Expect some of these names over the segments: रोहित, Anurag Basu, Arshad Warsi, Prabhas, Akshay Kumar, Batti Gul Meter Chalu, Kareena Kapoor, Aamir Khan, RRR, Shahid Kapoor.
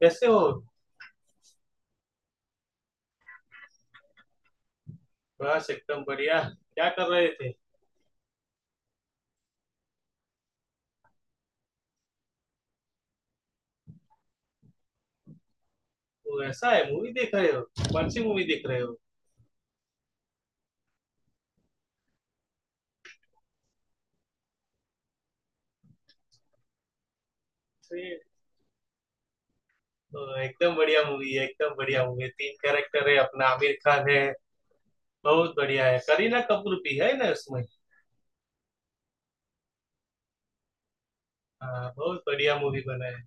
कैसे हो? बस एकदम बढ़िया। क्या कर रहे थे? वो ऐसा है, मूवी देख रहे हो। कौन सी मूवी देख रहे हो? अरे, तो एकदम बढ़िया मूवी है, एकदम बढ़िया मूवी है। तीन कैरेक्टर है, अपना आमिर खान है। बहुत बढ़िया है। करीना कपूर भी है ना उसमें। हाँ, बहुत बढ़िया मूवी बना है।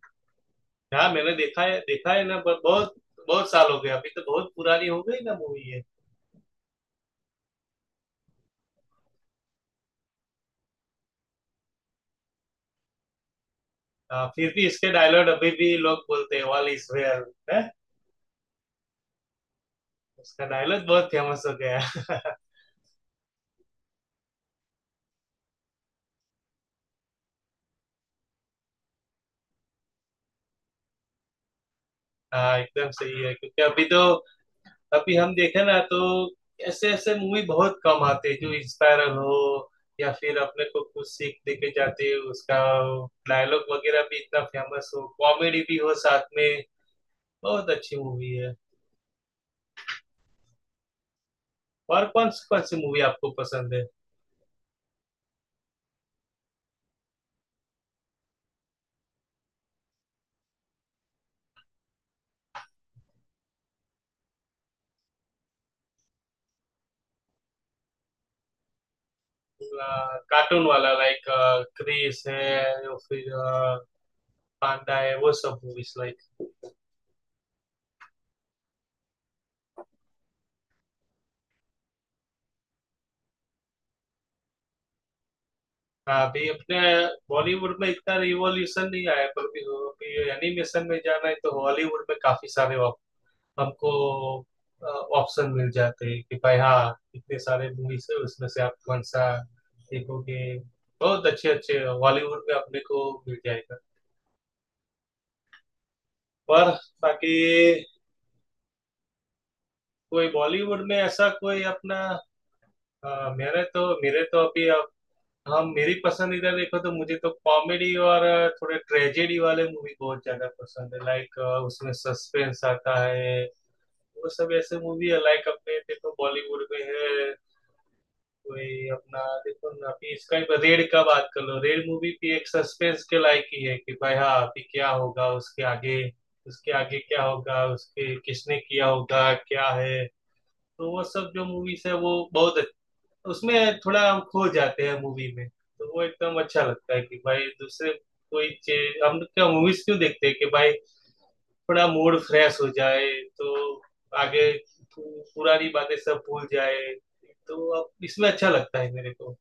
हाँ, मैंने देखा है, देखा है ना। बहुत बहुत साल हो गए। अभी तो बहुत पुरानी हो गई ना मूवी है। हाँ, फिर भी इसके डायलॉग अभी भी लोग बोलते हैं, वाल इज है। उसका डायलॉग बहुत फेमस हो गया। हाँ, एकदम सही है। क्योंकि अभी तो अभी हम देखे ना, तो ऐसे ऐसे मूवी बहुत कम आते हैं जो इंस्पायरल हो या फिर अपने को कुछ सीख दे के जाते हैं। उसका डायलॉग वगैरह भी इतना फेमस हो, कॉमेडी भी हो साथ में, बहुत अच्छी मूवी है। और कौन सी मूवी आपको पसंद है? कार्टून वाला लाइक, क्रिस है या फिर पांडा है, वो सब मूवीज लाइक। अभी अपने बॉलीवुड में इतना रिवॉल्यूशन नहीं आया, पर भी अभी एनिमेशन में जाना है तो हॉलीवुड में काफी सारे आपको ऑप्शन मिल जाते हैं कि भाई हाँ, इतने सारे मूवीज है उसमें से आप कौन सा देखोगे। बहुत अच्छे अच्छे बॉलीवुड में अपने को मिल जाएगा। पर बाकी कोई बॉलीवुड में ऐसा कोई अपना। मेरे तो अभी अब हम मेरी पसंदीदा देखो तो, मुझे तो कॉमेडी और थोड़े ट्रेजेडी वाले मूवी बहुत ज्यादा पसंद है, लाइक उसमें सस्पेंस आता है। वो सब ऐसे मूवी है लाइक, अपने देखो बॉलीवुड में है। कोई अपना देखो ना, अभी इसका ही रेड का बात कर लो। रेड मूवी भी एक सस्पेंस के लायक ही है कि भाई हाँ, अभी क्या होगा उसके आगे, उसके आगे क्या होगा, उसके किसने किया होगा, क्या है। तो वो सब जो मूवीज है वो बहुत, उसमें थोड़ा हम खो जाते हैं मूवी में, तो वो एकदम अच्छा लगता है कि भाई दूसरे कोई चीज। हम क्या मूवीज क्यों देखते हैं कि भाई थोड़ा मूड फ्रेश हो जाए, तो आगे पुरानी बातें सब भूल जाए, तो अब इसमें अच्छा लगता है मेरे को।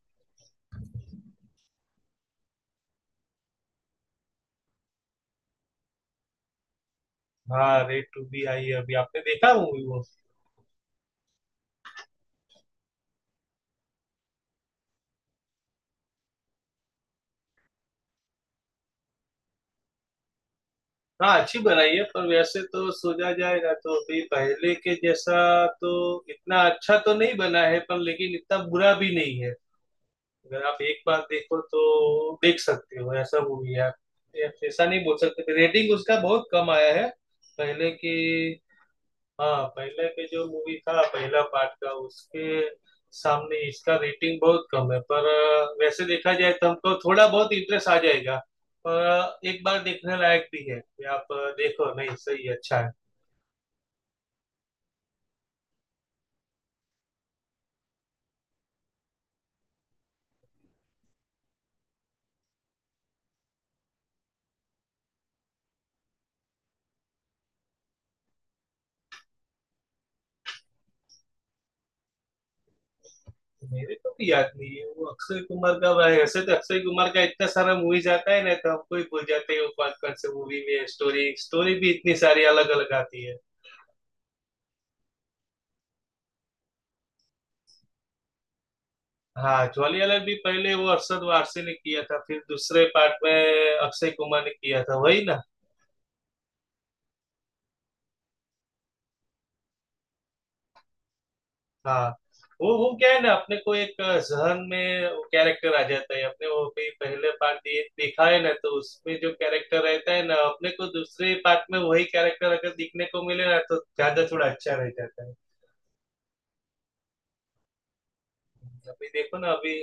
हाँ, रेड टू भी आई है अभी। आपने देखा मूवी वो? हाँ, अच्छी बनाई है, पर वैसे तो सोचा जाए ना तो अभी पहले के जैसा तो इतना अच्छा तो नहीं बना है, पर लेकिन इतना बुरा भी नहीं है। अगर आप एक बार देखो तो देख सकते हो, ऐसा मूवी है आप। ऐसा नहीं बोल सकते। रेटिंग उसका बहुत कम आया है पहले की। हाँ, पहले के जो मूवी था पहला पार्ट का, उसके सामने इसका रेटिंग बहुत कम है, पर वैसे देखा जाए तो हमको थोड़ा बहुत इंटरेस्ट आ जाएगा। पर एक बार देखने लायक भी है कि आप देखो, नहीं सही है, अच्छा है। मेरे को भी याद नहीं है वो अक्षय कुमार का भाई, ऐसे तो अक्षय कुमार का इतना सारा मूवी जाता है ना तो आपको ही भूल जाते हैं वो कौन कौन से मूवी में। स्टोरी स्टोरी भी इतनी सारी अलग अलग आती है। हाँ, ज्वाली वाला भी पहले वो अरशद वारसी ने किया था, फिर दूसरे पार्ट में अक्षय कुमार ने किया था, वही ना। हाँ, वो क्या है ना, अपने को एक जहन में वो कैरेक्टर आ जाता है अपने, वो भी पहले पार्ट देखा है ना, तो उसमें जो कैरेक्टर रहता है ना अपने को दूसरे पार्ट में वही कैरेक्टर अगर दिखने को मिले ना तो ज्यादा थोड़ा अच्छा रह जाता है। अभी देखो ना अभी।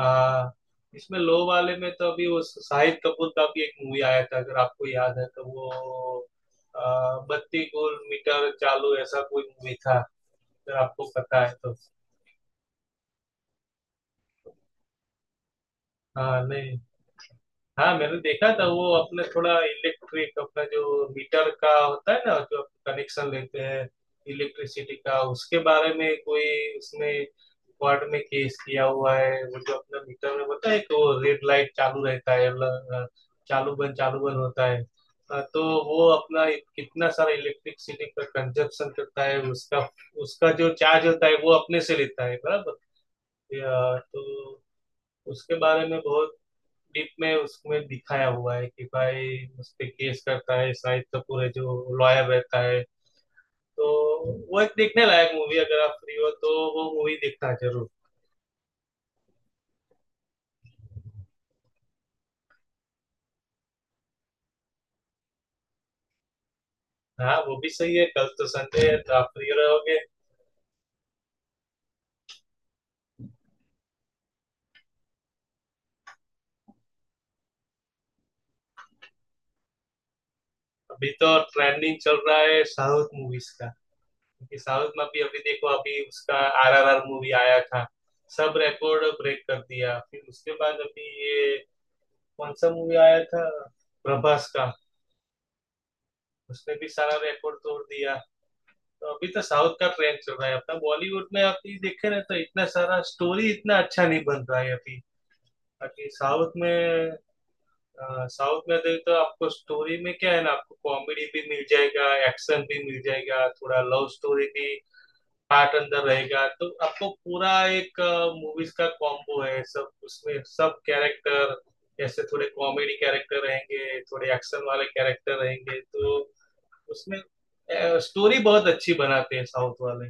हाँ, इसमें लो वाले में तो अभी वो शाहिद कपूर का भी एक मूवी आया था, अगर आपको याद है तो वो बत्ती गुल मीटर चालू, ऐसा कोई मूवी था, अगर आपको पता है तो। हाँ नहीं, हाँ मैंने देखा था। वो अपना थोड़ा इलेक्ट्रिक, अपना जो मीटर का होता है ना, जो कनेक्शन लेते हैं इलेक्ट्रिसिटी का, उसके बारे में कोई। उसने कोर्ट में केस किया हुआ है। वो जो अपना मीटर में होता है कि वो रेड लाइट चालू रहता है, अ, चालू बंद होता है। तो वो अपना कितना सारा इलेक्ट्रिसिटी का कंजप्शन करता है उसका उसका जो चार्ज होता है वो अपने से लेता है बराबर। तो उसके बारे में बहुत डीप में उसमें दिखाया हुआ है कि भाई उस पे केस करता है, शाहिद कपूर है जो लॉयर रहता है। तो वो एक देखने लायक मूवी, अगर आप फ्री हो तो वो मूवी देखना जरूर। हाँ वो भी सही है, कल तो संडे है तो आप फ्री रहोगे। अभी तो ट्रेंडिंग चल रहा है साउथ मूवीज का। क्योंकि साउथ में भी अभी देखो, अभी उसका आरआरआर मूवी आया था, सब रिकॉर्ड ब्रेक कर दिया। फिर उसके बाद अभी ये कौन सा मूवी आया था, प्रभास का, उसने भी सारा रिकॉर्ड तोड़ दिया। तो अभी तो साउथ का ट्रेंड चल रहा है। अपना बॉलीवुड में अभी देखे ना, तो इतना सारा स्टोरी इतना अच्छा नहीं बन रहा है अभी। बाकी साउथ में, साउथ में देख तो आपको स्टोरी में क्या है ना, आपको कॉमेडी भी मिल जाएगा, एक्शन भी मिल जाएगा, थोड़ा लव स्टोरी भी पार्ट अंदर रहेगा। तो आपको पूरा एक मूवीज का कॉम्बो है सब, उसमें सब कैरेक्टर, जैसे थोड़े कॉमेडी कैरेक्टर रहेंगे, थोड़े एक्शन वाले कैरेक्टर रहेंगे। तो उसमें स्टोरी बहुत अच्छी बनाते हैं साउथ वाले।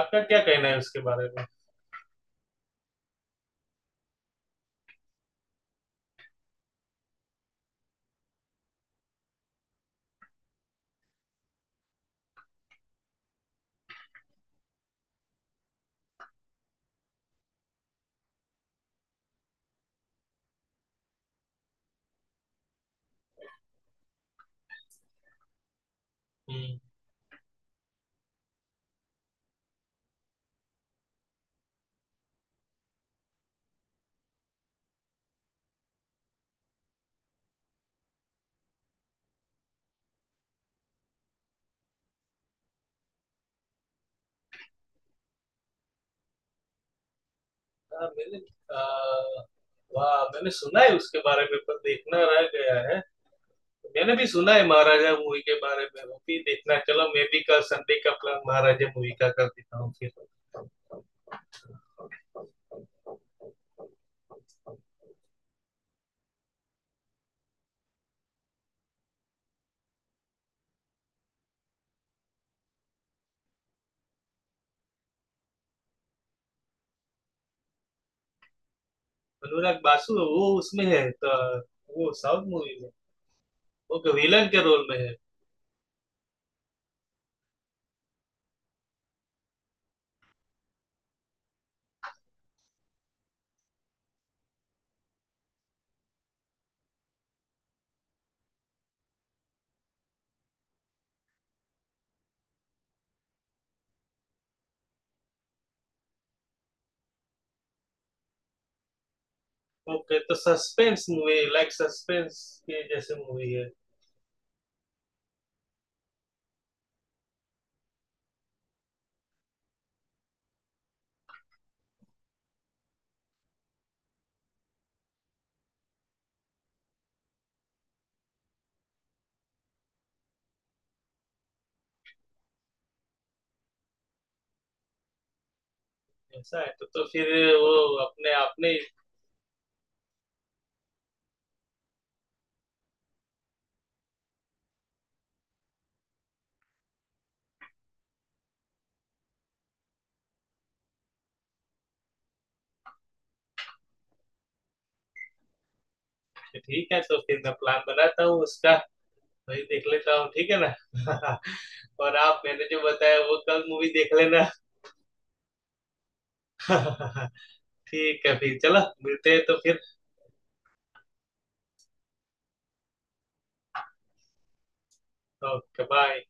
आपका क्या कहना है उसके बारे में? हम्म, हाँ, मैंने आ, वाह मैंने सुना है उसके बारे में, पर देखना रह गया है। मैंने भी सुना है महाराजा मूवी के बारे में, वो भी देखना। चलो, मैं भी कल संडे का प्लान महाराजा मूवी का कर देता हूँ फिर। अनुराग बासु है, वो उसमें है तो। वो साउथ मूवी में वो विलन के रोल में है। ओके, तो सस्पेंस मूवी लाइक, सस्पेंस के जैसे मूवी है। ऐसा है तो फिर वो अपने आपने। ठीक है, तो फिर मैं प्लान बनाता हूँ उसका। वही देख लेता हूँ, ठीक है ना। और आप, मैंने जो बताया वो कल मूवी देख लेना। ठीक है फिर, चलो मिलते हैं तो फिर। Okay, bye.